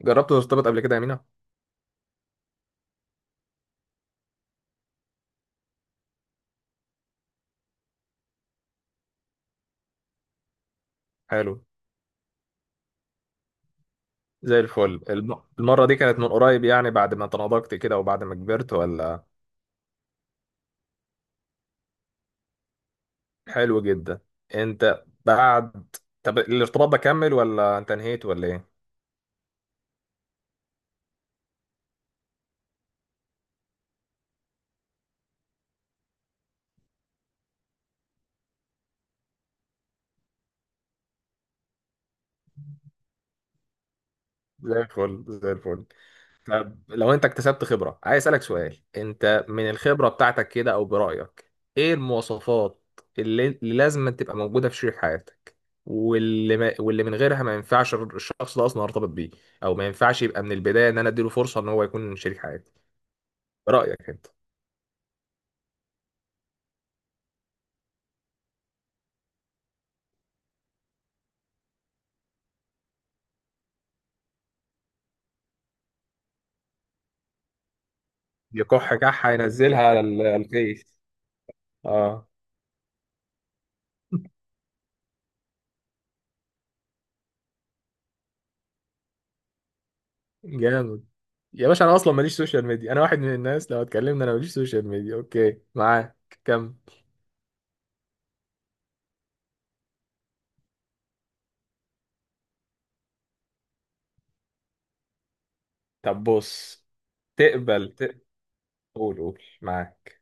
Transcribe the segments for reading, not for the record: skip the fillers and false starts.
جربت ترتبط قبل كده يا مينا؟ حلو. زي الفل، المرة دي كانت من قريب يعني بعد ما تناضجت كده وبعد ما كبرت ولا؟ حلو جدا. انت بعد، طب الارتباط ده كمل ولا انت انهيت ولا ايه؟ زي الفل زي الفل. طب لو انت اكتسبت خبرة، عايز اسألك سؤال، انت من الخبرة بتاعتك كده او برأيك، ايه المواصفات اللي لازم تبقى موجودة في شريك حياتك، واللي من غيرها ما ينفعش الشخص ده اصلا ارتبط بيه، او ما ينفعش يبقى من البداية ان انا اديله فرصة ان هو يكون شريك حياتي، برأيك انت. يكح كحة ينزلها على الفيس. اه. جامد. يا باشا انا اصلا ماليش سوشيال ميديا، انا واحد من الناس، لو اتكلمنا انا ماليش سوشيال ميديا، اوكي معاك؟ كم؟ طب بص، تقبل، قول قول معاك.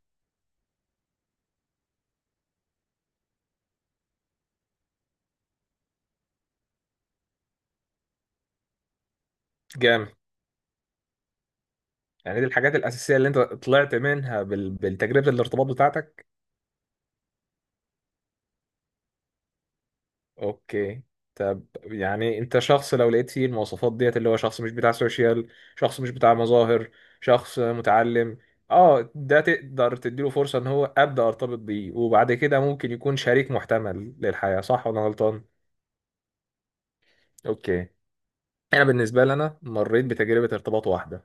جامد. يعني دي الحاجات الأساسية اللي أنت طلعت منها بالتجربة الارتباط بتاعتك. أوكي. طب يعني أنت شخص لو لقيت فيه المواصفات ديت، اللي هو شخص مش بتاع سوشيال، شخص مش بتاع مظاهر، شخص متعلم، اه، ده تقدر تديله فرصة إن هو أبدأ أرتبط بيه وبعد كده ممكن يكون شريك محتمل للحياة، صح ولا أنا غلطان؟ أوكي. أنا بالنسبة لي أنا مريت بتجربة ارتباط واحدة،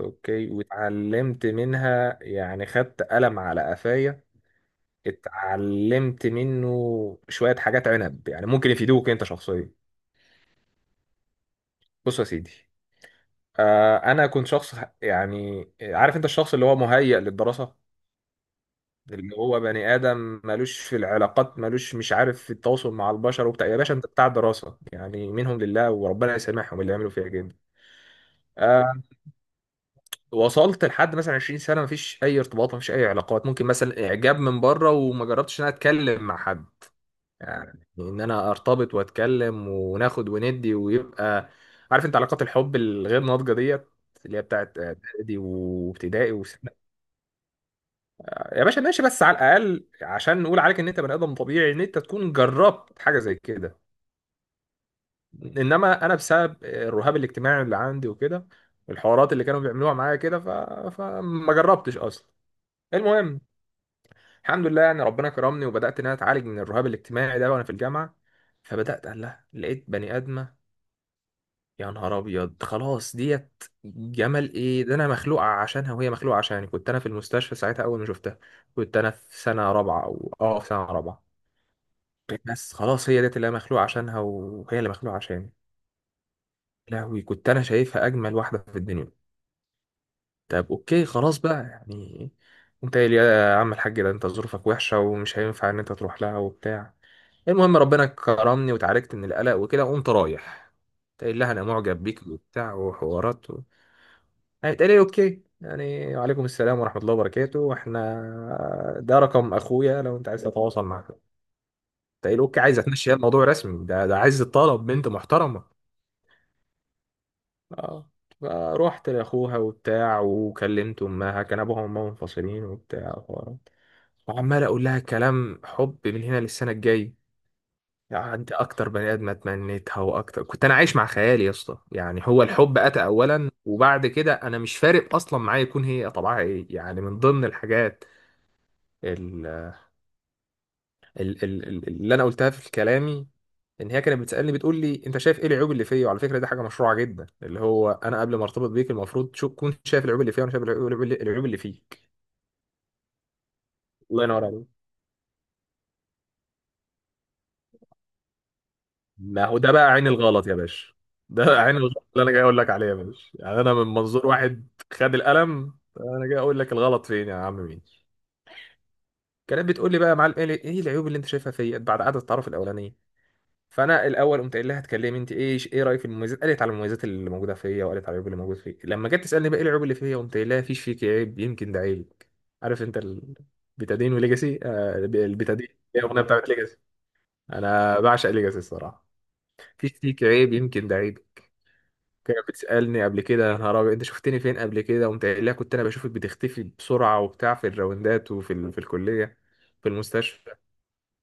اوكي، واتعلمت منها يعني خدت قلم على قفايا. اتعلمت منه شوية حاجات عنب يعني ممكن يفيدوك انت شخصيا. بص يا سيدي، انا كنت شخص يعني عارف انت، الشخص اللي هو مهيأ للدراسة، اللي هو بني آدم مالوش في العلاقات، مالوش مش عارف في التواصل مع البشر وبتاع، يا باشا انت بتاع الدراسة يعني، منهم لله وربنا يسامحهم اللي عملوا فيها جدا. آه، وصلت لحد مثلا 20 سنة مفيش أي ارتباط، مفيش أي علاقات، ممكن مثلا إعجاب من بره، وما جربتش إن أنا أتكلم مع حد، يعني ان انا ارتبط واتكلم وناخد وندي ويبقى، عارف انت، علاقات الحب الغير ناضجه ديت، اللي هي بتاعت اعدادي وابتدائي وسنة. يا باشا ماشي، بس على الاقل عشان نقول عليك ان انت بني ادم طبيعي ان انت تكون جربت حاجه زي كده. انما انا بسبب الرهاب الاجتماعي اللي عندي وكده، الحوارات اللي كانوا بيعملوها معايا كده، فما جربتش اصلا. المهم، الحمد لله يعني ربنا كرمني وبدات ان انا اتعالج من الرهاب الاجتماعي ده وانا في الجامعه. فبدات قال لها لقيت بني ادمه. يا نهار ابيض، خلاص ديت جمل، ايه ده، انا مخلوق عشانها وهي مخلوقه عشاني. كنت انا في المستشفى ساعتها اول ما شفتها. كنت انا في سنه رابعه او اه في سنه رابعه. بس خلاص، هي ديت اللي انا مخلوق عشانها وهي اللي مخلوقه عشاني. لهوي كنت انا شايفها اجمل واحده في الدنيا. طب اوكي خلاص بقى يعني، انت قايل يا عم الحاج، ده انت ظروفك وحشة ومش هينفع ان انت تروح لها وبتاع. المهم ربنا كرمني وتعالجت من القلق وكده وقمت رايح تقول لها انا معجب بيك وبتاع وحوارات هيتقال لي اوكي يعني، وعليكم السلام ورحمة الله وبركاته، احنا ده رقم اخويا لو انت عايز تتواصل معاه. تقول اوكي، عايز اتمشي الموضوع رسمي، ده عايز طلب بنت محترمة. اه. فروحت لاخوها وبتاع وكلمت امها، كان ابوها وامها منفصلين وبتاع وحوارات. وعمال اقول لها كلام حب من هنا للسنه الجايه. يعني انت اكتر بني ادم اتمنيتها، واكتر كنت انا عايش مع خيالي يا اسطى، يعني هو الحب اتى اولا، وبعد كده انا مش فارق اصلا معايا يكون هي طبعها ايه، يعني من ضمن الحاجات اللي انا قلتها في كلامي، ان هي كانت بتسالني بتقول لي انت شايف ايه العيوب اللي فيا، وعلى فكره دي حاجه مشروعه جدا، اللي هو انا قبل ما ارتبط بيك المفروض تكون شايف العيوب اللي فيا، وانا شايف العيوب اللي فيك. الله ينور عليك. ما هو ده بقى عين الغلط يا باشا، ده بقى عين الغلط اللي انا جاي اقول لك عليه يا باشا، يعني انا من منظور واحد خد القلم، انا جاي اقول لك الغلط فين يا عم مين. كانت بتقول لي بقى يا معلم إيه العيوب اللي انت شايفها فيا بعد قعده التعارف الاولانيه. فانا الاول قمت قايل لها اتكلمي انت، ايه رايك في المميزات؟ قالت على المميزات اللي موجوده فيا، وقالت على العيوب اللي موجود فيا. لما جت تسالني بقى ايه العيوب اللي فيا، قمت قايل لها فيش فيك عيب يمكن ده عيبك، عارف انت، البيتادين وليجاسي. البيتادين، هي الاغنيه بتاعت ليجاسي. انا بعشق ليجاسي الصراحه. فيش فيك عيب يمكن ده عيبك. كانت بتسالني قبل كده يا نهار ابيض انت شفتني فين قبل كده، قمت قايل لها كنت انا بشوفك بتختفي بسرعه وبتاع في الراوندات، في الكليه، في المستشفى.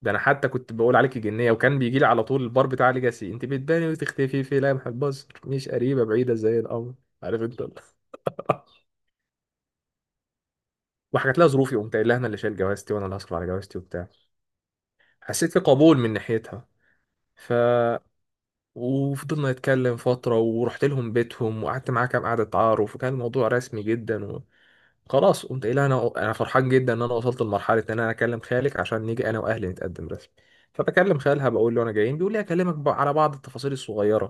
ده انا حتى كنت بقول عليك جنيه، وكان بيجي لي على طول البار بتاع ليجاسي، انت بتباني وتختفي في لمح البصر، مش قريبه بعيده زي القمر، عارف انت وحكت لها ظروفي، قمت قايل لها انا اللي شايل جوازتي وانا اللي هصرف على جوازتي وبتاع. حسيت في قبول من ناحيتها. ف وفضلنا نتكلم فتره، ورحت لهم بيتهم، وقعدت معاها كام قعده تعارف، وكان الموضوع رسمي جدا. خلاص قمت قايل انا فرحان جدا ان انا وصلت لمرحله ان انا اكلم خالك عشان نيجي انا واهلي نتقدم رسمي. فبكلم خالها بقول له انا جايين، بيقول لي اكلمك بقى على بعض التفاصيل الصغيره،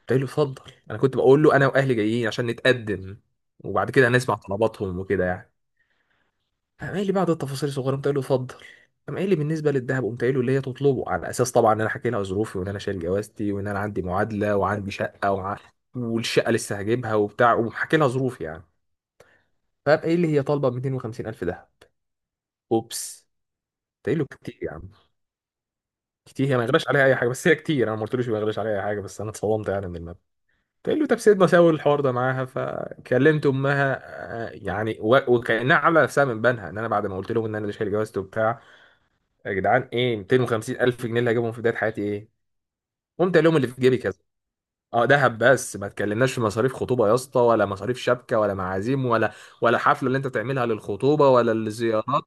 قلت له اتفضل. انا كنت بقول له انا واهلي جايين عشان نتقدم، وبعد كده نسمع طلباتهم وكده يعني. قام قايل لي بعض التفاصيل الصغيره، قلت له اتفضل. قام قايل لي بالنسبه للذهب، قمت قايل له اللي هي تطلبه على اساس طبعا ان انا حكي لها ظروفي، وان انا شايل جوازتي، وان انا عندي معادله، وعندي شقه، والشقه لسه هجيبها وبتاع، وحكي لها ظروفي يعني. فقام قايل لي هي طالبه 250 الف دهب. اوبس. تقيله كتير يا عم. كتير، هي ما يغلاش عليها اي حاجه، بس هي كتير، انا ما قلتلوش ما يغلاش عليها اي حاجه، بس انا اتصدمت يعني من الماب. تقول له طب سيدنا ساوي الحوار ده معاها، فكلمت امها. يعني وكانها عامله نفسها من بنها، ان انا بعد ما قلت لهم ان انا اللي شايل جوازته وبتاع. يا جدعان، ايه 250 الف جنيه اللي هجيبهم في بدايه حياتي، ايه؟ قمت قال لهم اللي في جيبي كذا. اه دهب بس، ما تكلمناش في مصاريف خطوبه يا اسطى، ولا مصاريف شبكه، ولا معازيم، ولا ولا حفله اللي انت تعملها للخطوبه، ولا الزيارات،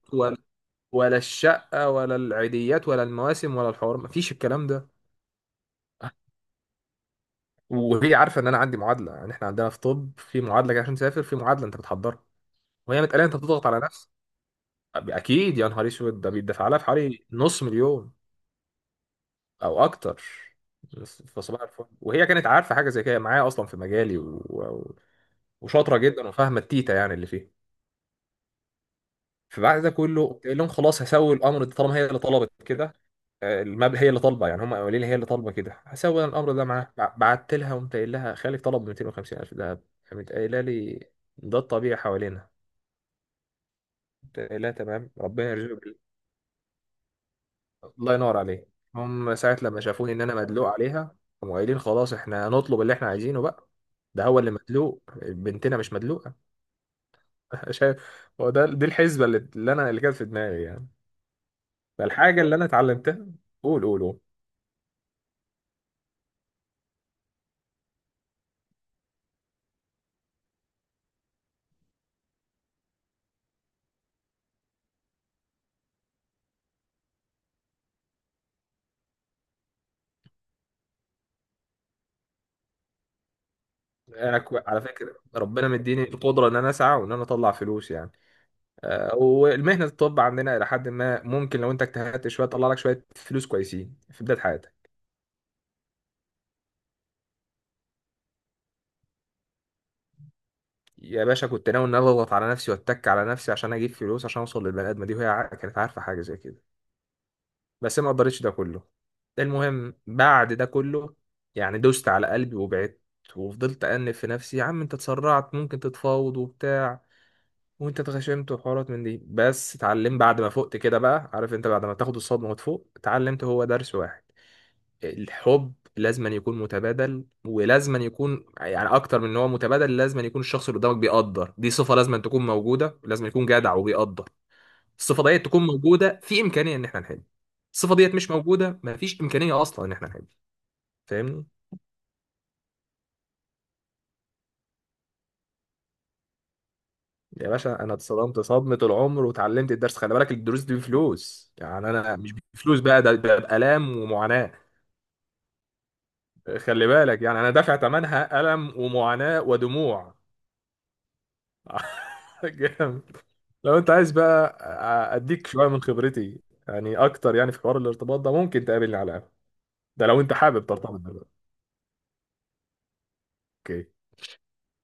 ولا الشقة، ولا العيديات، ولا المواسم، ولا الحوار، مفيش الكلام ده. وهي عارفة ان انا عندي معادلة، يعني احنا عندنا في طب في معادلة كده عشان تسافر، في معادلة انت بتحضرها. وهي متقالة انت بتضغط على نفسك. اكيد يا نهار اسود، ده بيدفع لها في حوالي نص مليون، او اكتر. فصباح الفل، وهي كانت عارفة حاجة زي كده معايا اصلا في مجالي وشاطرة جدا وفاهمة التيتا يعني اللي فيه. فبعد ده كله قلت لهم خلاص هسوي الامر ده طالما هي اللي طلبت كده. المبلغ هي اللي طالبه، يعني هم قايلين لي هي اللي طالبه كده، هسوي أنا الامر ده معاها. بعت لها قمت قايل لها خالي طلب 250 الف دهب. قامت قايله لي ده الطبيعي حوالينا. قمت قايل لها تمام، ربنا يرزقك الله ينور عليك. هم ساعه لما شافوني ان انا مدلوق عليها، هم قايلين خلاص احنا هنطلب اللي احنا عايزينه بقى، ده هو اللي مدلوق، بنتنا مش مدلوقه. شايف، هو ده دي الحسبه اللي انا اللي كانت في دماغي يعني. فالحاجه اللي انا اتعلمتها، قول قول قول. انا على فكره ربنا مديني القدره ان انا اسعى وان انا اطلع فلوس يعني. والمهنه الطب عندنا الى حد ما ممكن لو انت اجتهدت شويه تطلع لك شويه فلوس كويسين في بدايه حياتك. يا باشا كنت ناوي ان أنا اضغط على نفسي واتك على نفسي عشان اجيب فلوس عشان اوصل للبني ادمه دي، وهي كانت عارفه حاجه زي كده. بس ما قدرتش ده كله. المهم بعد ده كله يعني دوست على قلبي وبعدت، وفضلت انف في نفسي يا عم انت اتسرعت ممكن تتفاوض وبتاع، وانت اتغشمت وحوارات من دي. بس اتعلم بعد ما فقت كده، بقى عارف انت بعد ما تاخد الصدمه وتفوق، اتعلمت هو درس واحد. الحب لازما يكون متبادل، ولازما يكون يعني اكتر من ان هو متبادل لازما يكون الشخص اللي قدامك بيقدر، دي صفه لازما تكون موجوده، لازما يكون جدع وبيقدر. الصفه ديت تكون موجوده في امكانيه ان احنا نحب. الصفه ديت مش موجوده، مفيش امكانيه اصلا ان احنا نحب، فاهمني؟ يا باشا انا اتصدمت صدمه العمر، وتعلمت الدرس، خلي بالك الدروس دي بفلوس، يعني انا مش بفلوس بقى، ده بقى بألام ومعاناه. خلي بالك، يعني انا دافع ثمنها الم ومعاناه ودموع. جامد. لو انت عايز بقى اديك شويه من خبرتي، يعني اكتر، يعني في حوار الارتباط ده ممكن تقابلني على القهوه، ده لو انت حابب ترتبط دلوقتي. اوكي.